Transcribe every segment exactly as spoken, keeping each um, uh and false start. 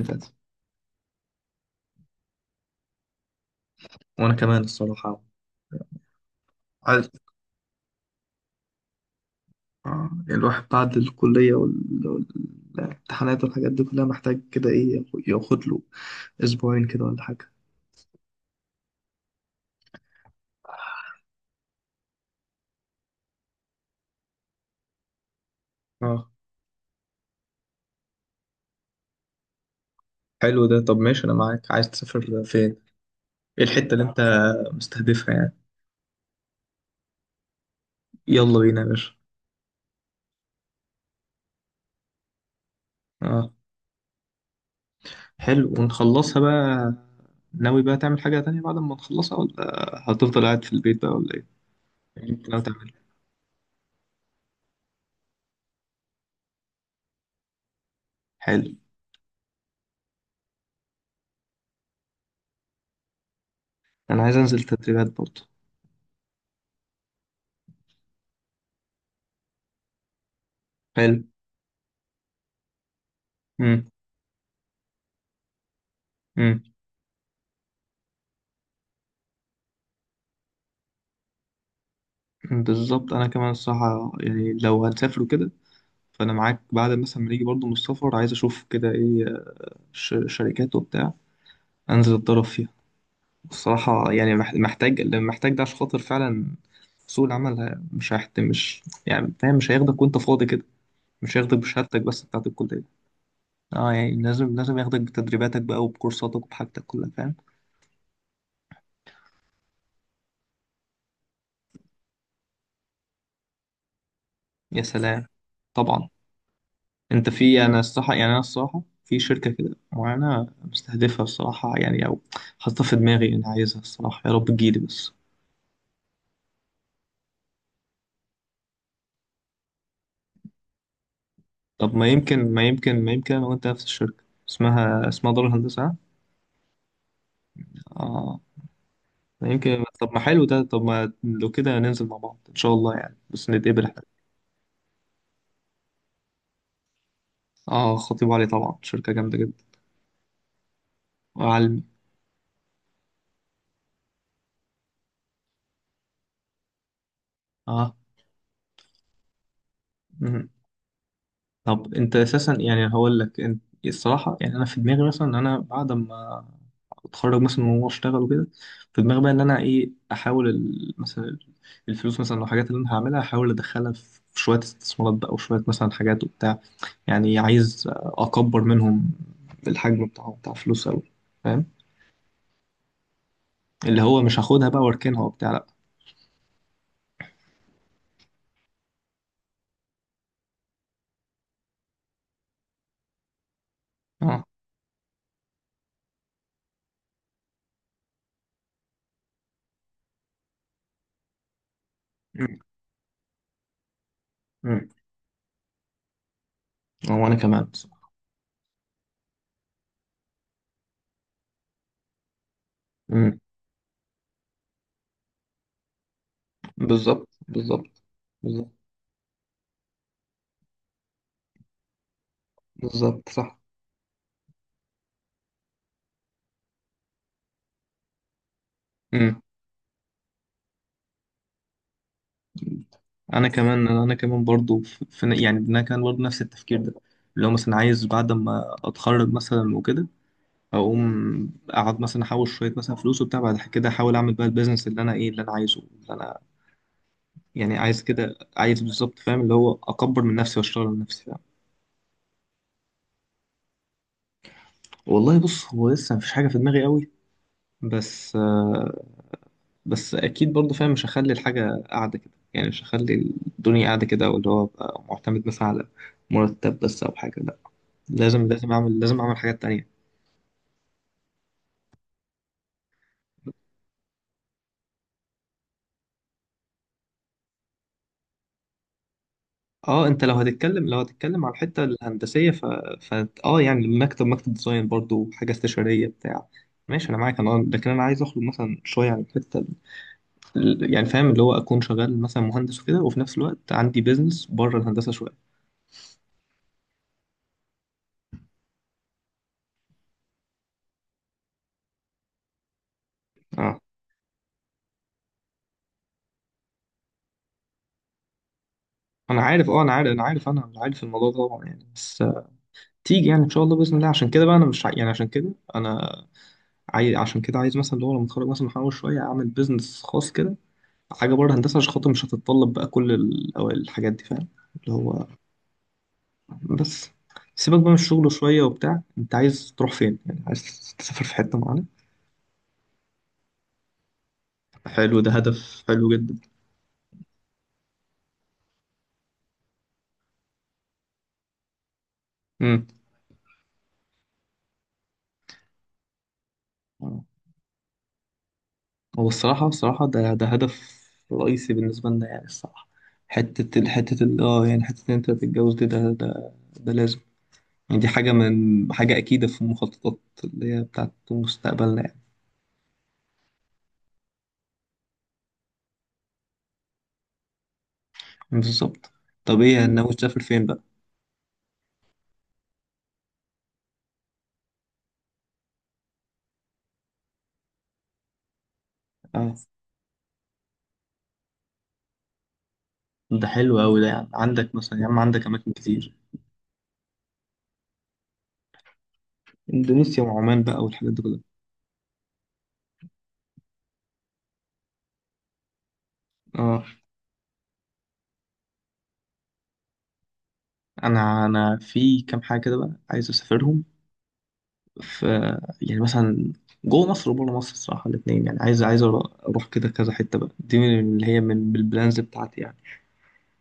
اللي فاتت. وانا كمان الصراحه عايز. آه، الواحد بعد الكليه وال- والامتحانات والحاجات دي كلها محتاج كده ايه ياخد له اسبوعين كده ولا حاجه. اه. حلو ده، طب ماشي انا معاك، عايز تسافر فين؟ ايه الحتة اللي انت مستهدفها يعني؟ يلا بينا يا باشا. اه، حلو، ونخلصها بقى. ناوي بقى تعمل حاجة تانية بعد ما نخلصها، ولا هتفضل قاعد في البيت بقى، ولا ايه؟ إيه اللي انت ناوي تعمله؟ حلو. انا عايز انزل تدريبات برضه. حلو. امم. بالظبط، انا كمان الصراحه يعني، لو هنسافر كده فانا معاك، بعد مثلا ما نيجي برضو من السفر عايز اشوف كده ايه، ش- شركات وبتاع، انزل اتدرب فيها. الصراحه يعني مح- محتاج، اللي محتاج ده عشان خاطر فعلا سوق العمل، ه- مش هيحت، مش يعني، فاهم؟ مش هياخدك وانت فاضي كده، مش هياخدك بشهادتك بس بتاعت الكليه. اه، يعني لازم لازم ياخدك بتدريباتك بقى وبكورساتك وبحاجتك كلها، فاهم. يا سلام. طبعا. انت في، انا الصراحه يعني، انا الصراحه في شركه كده وانا مستهدفها، الصراحه يعني، او حاططها في دماغي، انا عايزها الصراحه، يا رب تجيلي بس. طب ما يمكن ما يمكن ما يمكن انا وانت نفس الشركه، اسمها اسمها دار الهندسه، ها؟ اه. ما يمكن، طب ما حلو ده، طب ما لو كده ننزل مع بعض ان شاء الله يعني، بس نتقابل احنا. اه، خطيب علي طبعا شركه جامده جدا. وعلمي. اه. مم. طب انت اساسا يعني، هقول لك انت الصراحه يعني، انا في دماغي مثلا ان انا بعد ما واتخرج مثلا وهو اشتغل وكده، في دماغي بقى ان انا ايه، احاول ال- مثلا الفلوس، مثلا لو الحاجات اللي انا هعملها احاول ادخلها في في شويه استثمارات بقى، وشويه مثلا حاجات وبتاع، يعني عايز اكبر منهم الحجم بتاعه بتاع فلوس قوي، فاهم؟ اللي هو مش هاخدها بقى واركنها وبتاع، لا. اه. امم. امم. هو انا كمان بصراحة. امم. بالظبط بالظبط. بالظبط بالظبط صح. امم. انا كمان انا كمان برضو في في، يعني انا كمان برضو نفس التفكير ده، اللي هو مثلا عايز بعد ما اتخرج مثلا وكده، اقوم اقعد مثلا احوش شويه مثلا فلوس وبتاع، بعد كده احاول اعمل بقى البيزنس اللي انا ايه، اللي انا عايزه، اللي انا يعني عايز كده، عايز بالظبط، فاهم؟ اللي هو اكبر من نفسي واشتغل من نفسي، فاهم. والله بص، هو لسه مفيش حاجه في دماغي قوي، بس آه، بس اكيد برضو فاهم، مش هخلي الحاجه قاعده كده يعني، مش هخلي الدنيا قاعده كده، واللي هو أبقى معتمد مثلا على مرتب بس، او حاجه، لا. لازم لازم اعمل لازم اعمل حاجات تانية. اه، انت لو هتتكلم، لو هتتكلم على الحتة الهندسية، ف... ف... اه يعني، مكتب، مكتب ديزاين برضو، حاجة استشارية بتاع ماشي انا معاك، انا لكن انا عايز اخرج مثلا شوية عن الحتة ال- يعني، فاهم، اللي هو اكون شغال مثلا مهندس وكده، وفي نفس الوقت عندي بيزنس بره الهندسة شوية. اه، انا عارف، اه انا عارف انا عارف انا عارف الموضوع ده طبعا يعني، بس آه، تيجي يعني ان شاء الله باذن الله، عشان كده بقى انا مش عاي... يعني عشان كده انا عايز، عشان كده عايز مثلا اللي هو لما اتخرج مثلا، احاول شويه اعمل بيزنس خاص كده، حاجة بره هندسة عشان خاطر مش هتتطلب بقى كل ال- أو الحاجات دي، فاهم اللي هو؟ بس. سيبك بقى من الشغل شوية وبتاع، أنت عايز تروح فين يعني؟ عايز تسافر في حتة معينة؟ حلو ده، هدف حلو جدا. امم. هو الصراحة الصراحة ده ده هدف رئيسي بالنسبة لنا يعني، الصراحة. حتة ال- حتة ال- اه يعني حتة إن أنت تتجوز دي، ده ده ده لازم يعني. دي حاجة من حاجة أكيدة في المخططات اللي هي بتاعت مستقبلنا يعني. بالظبط. طب إيه ناوي تسافر فين بقى؟ آه. ده حلو أوي ده، يعني عندك مثلا يا عم عندك أماكن كتير. إندونيسيا وعمان بقى والحاجات دي كلها. آه. أنا أنا في كام حاجة كده بقى عايز أسافرهم، ف يعني مثلا جوه مصر وبره مصر الصراحة الاتنين، يعني عايز عايز أرو- أروح كده كذا حتة بقى، دي من اللي هي من البلانز بتاعتي يعني.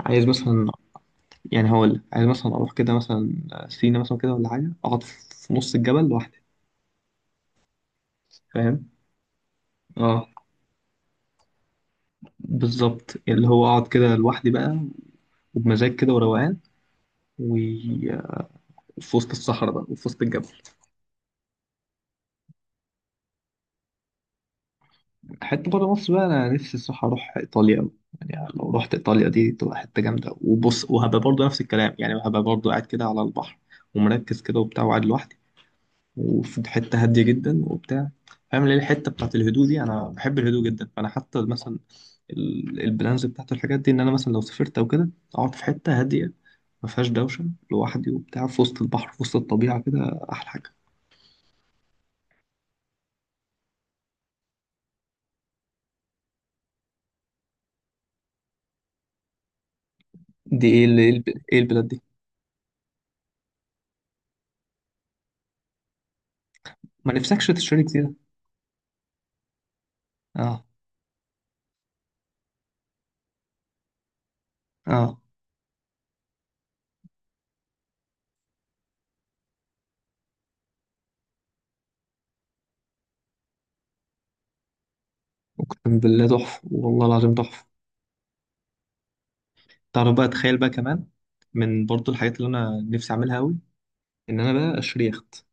عايز مثلا، يعني هقول لك، عايز مثلا أروح كده مثلا سينا مثلا كده ولا حاجة، أقعد في نص الجبل لوحدي، فاهم؟ اه. بالظبط، اللي هو اقعد كده لوحدي بقى، وبمزاج كده وروقان، وفي وسط الصحراء بقى وفي وسط الجبل. حتة بره مصر بقى، أنا نفسي الصراحة أروح إيطاليا أوي، يعني لو رحت إيطاليا دي تبقى حتة جامدة، وبص وهبقى برضه نفس الكلام يعني، هبقى برضه قاعد كده على البحر ومركز كده وبتاع، وقاعد لوحدي وفي حتة هادية جدا وبتاع، فاهم اللي هي الحتة بتاعت الهدوء دي، أنا بحب الهدوء جدا. فأنا حتى مثلا ال- البلانز بتاعت الحاجات دي، إن أنا مثلا لو سافرت أو كده أقعد في حتة هادية ما فيهاش دوشة، لوحدي وبتاع، في وسط البحر في وسط الطبيعة كده، أحلى حاجة. دي إيه ال- إيه الب- إيه البلاد دي؟ ما نفسكش تشتري جزيرة؟ اه. اه. اقسم بالله تحفه، والله العظيم تحفه. تعرف بقى، تخيل بقى كمان، من برضو الحاجات اللي انا نفسي اعملها قوي، ان انا بقى اشتري يخت.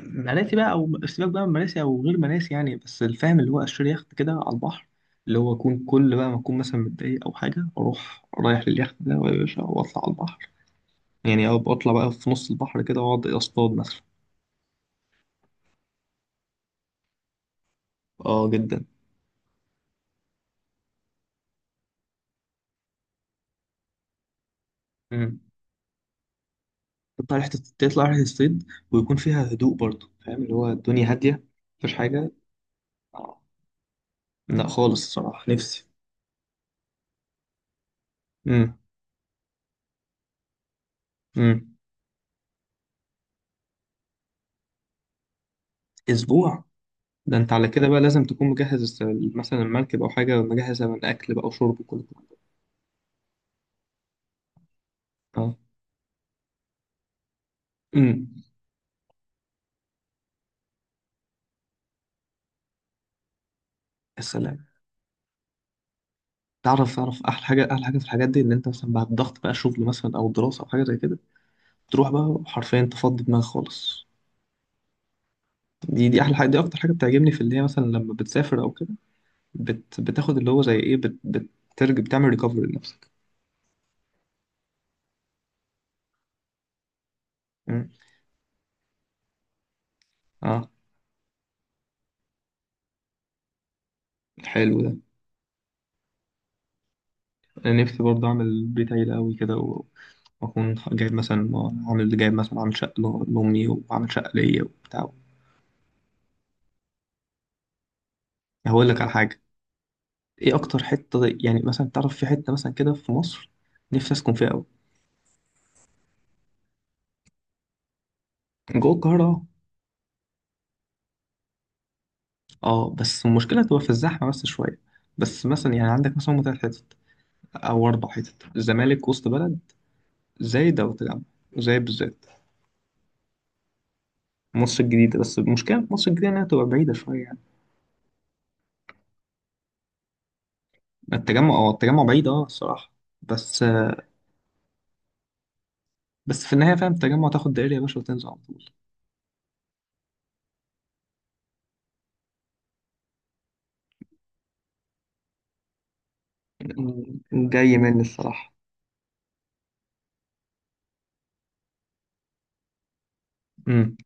مراسي بقى، او سيبك بقى من مراسي او غير مراسي يعني، بس الفاهم اللي هو اشتري يخت كده على البحر، اللي هو اكون كل بقى ما اكون مثلا متضايق او حاجه، اروح رايح لليخت ده يا باشا واطلع على البحر، يعني أو اطلع بقى في نص البحر كده واقعد اصطاد مثلا. اه، جدا. مم. تطلع رحله، تطلع رحله الصيد، ويكون فيها هدوء برضو، فاهم اللي هو الدنيا هاديه، مفيش حاجه. آه. لا خالص، الصراحة نفسي. امم. امم. اسبوع؟ ده انت على كده بقى لازم تكون مجهز الس- مثلا المركب، او حاجة مجهزة من اكل بقى وشرب وكل الكلام ده. اه. امم. السلام. تعرف تعرف احلى حاجة، احلى حاجة في الحاجات دي ان انت مثلا بعد ضغط بقى شغل مثلا او دراسة او حاجة زي كده، تروح بقى حرفيا تفضي دماغك خالص. دي دي احلى حاجة، دي اكتر حاجة بتعجبني، في اللي هي مثلا لما بتسافر او كده، بت بتاخد اللي هو زي ايه، بت بترجع بتعمل ريكفري لنفسك. امم. اه، حلو ده. انا نفسي برضه اعمل بيت عيلة قوي كده، و واكون جايب مثلا، عامل جايب مثلا عامل شقة ل- لامي وعامل شقة ليا وبتاع. هقول لك على حاجة، ايه اكتر حتة يعني مثلا، تعرف في حتة مثلا كده في مصر نفسي اسكن فيها قوي؟ جوه القاهرة. اه، آه، بس المشكلة تبقى في الزحمة بس شوية. بس مثلا يعني عندك مثلا هما تلات حتت او اربع حتت: الزمالك، وسط بلد، زايد، او التجمع. زايد بالذات. مصر الجديدة بس المشكلة في مصر الجديدة انها تبقى بعيدة شوية يعني. التجمع اه، التجمع بعيد اه الصراحة. بس. بس في النهاية فاهم، التجمع تاخد دائري يا باشا وتنزل على طول. م- جاي مني الصراحة. امم.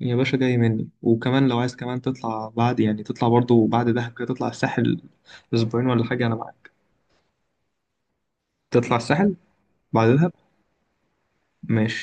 يا باشا جاي مني، وكمان لو عايز كمان تطلع بعد يعني، تطلع برضو بعد دهب كده تطلع الساحل، أسبوعين ولا حاجة أنا معاك. تطلع الساحل بعد دهب. ماشي.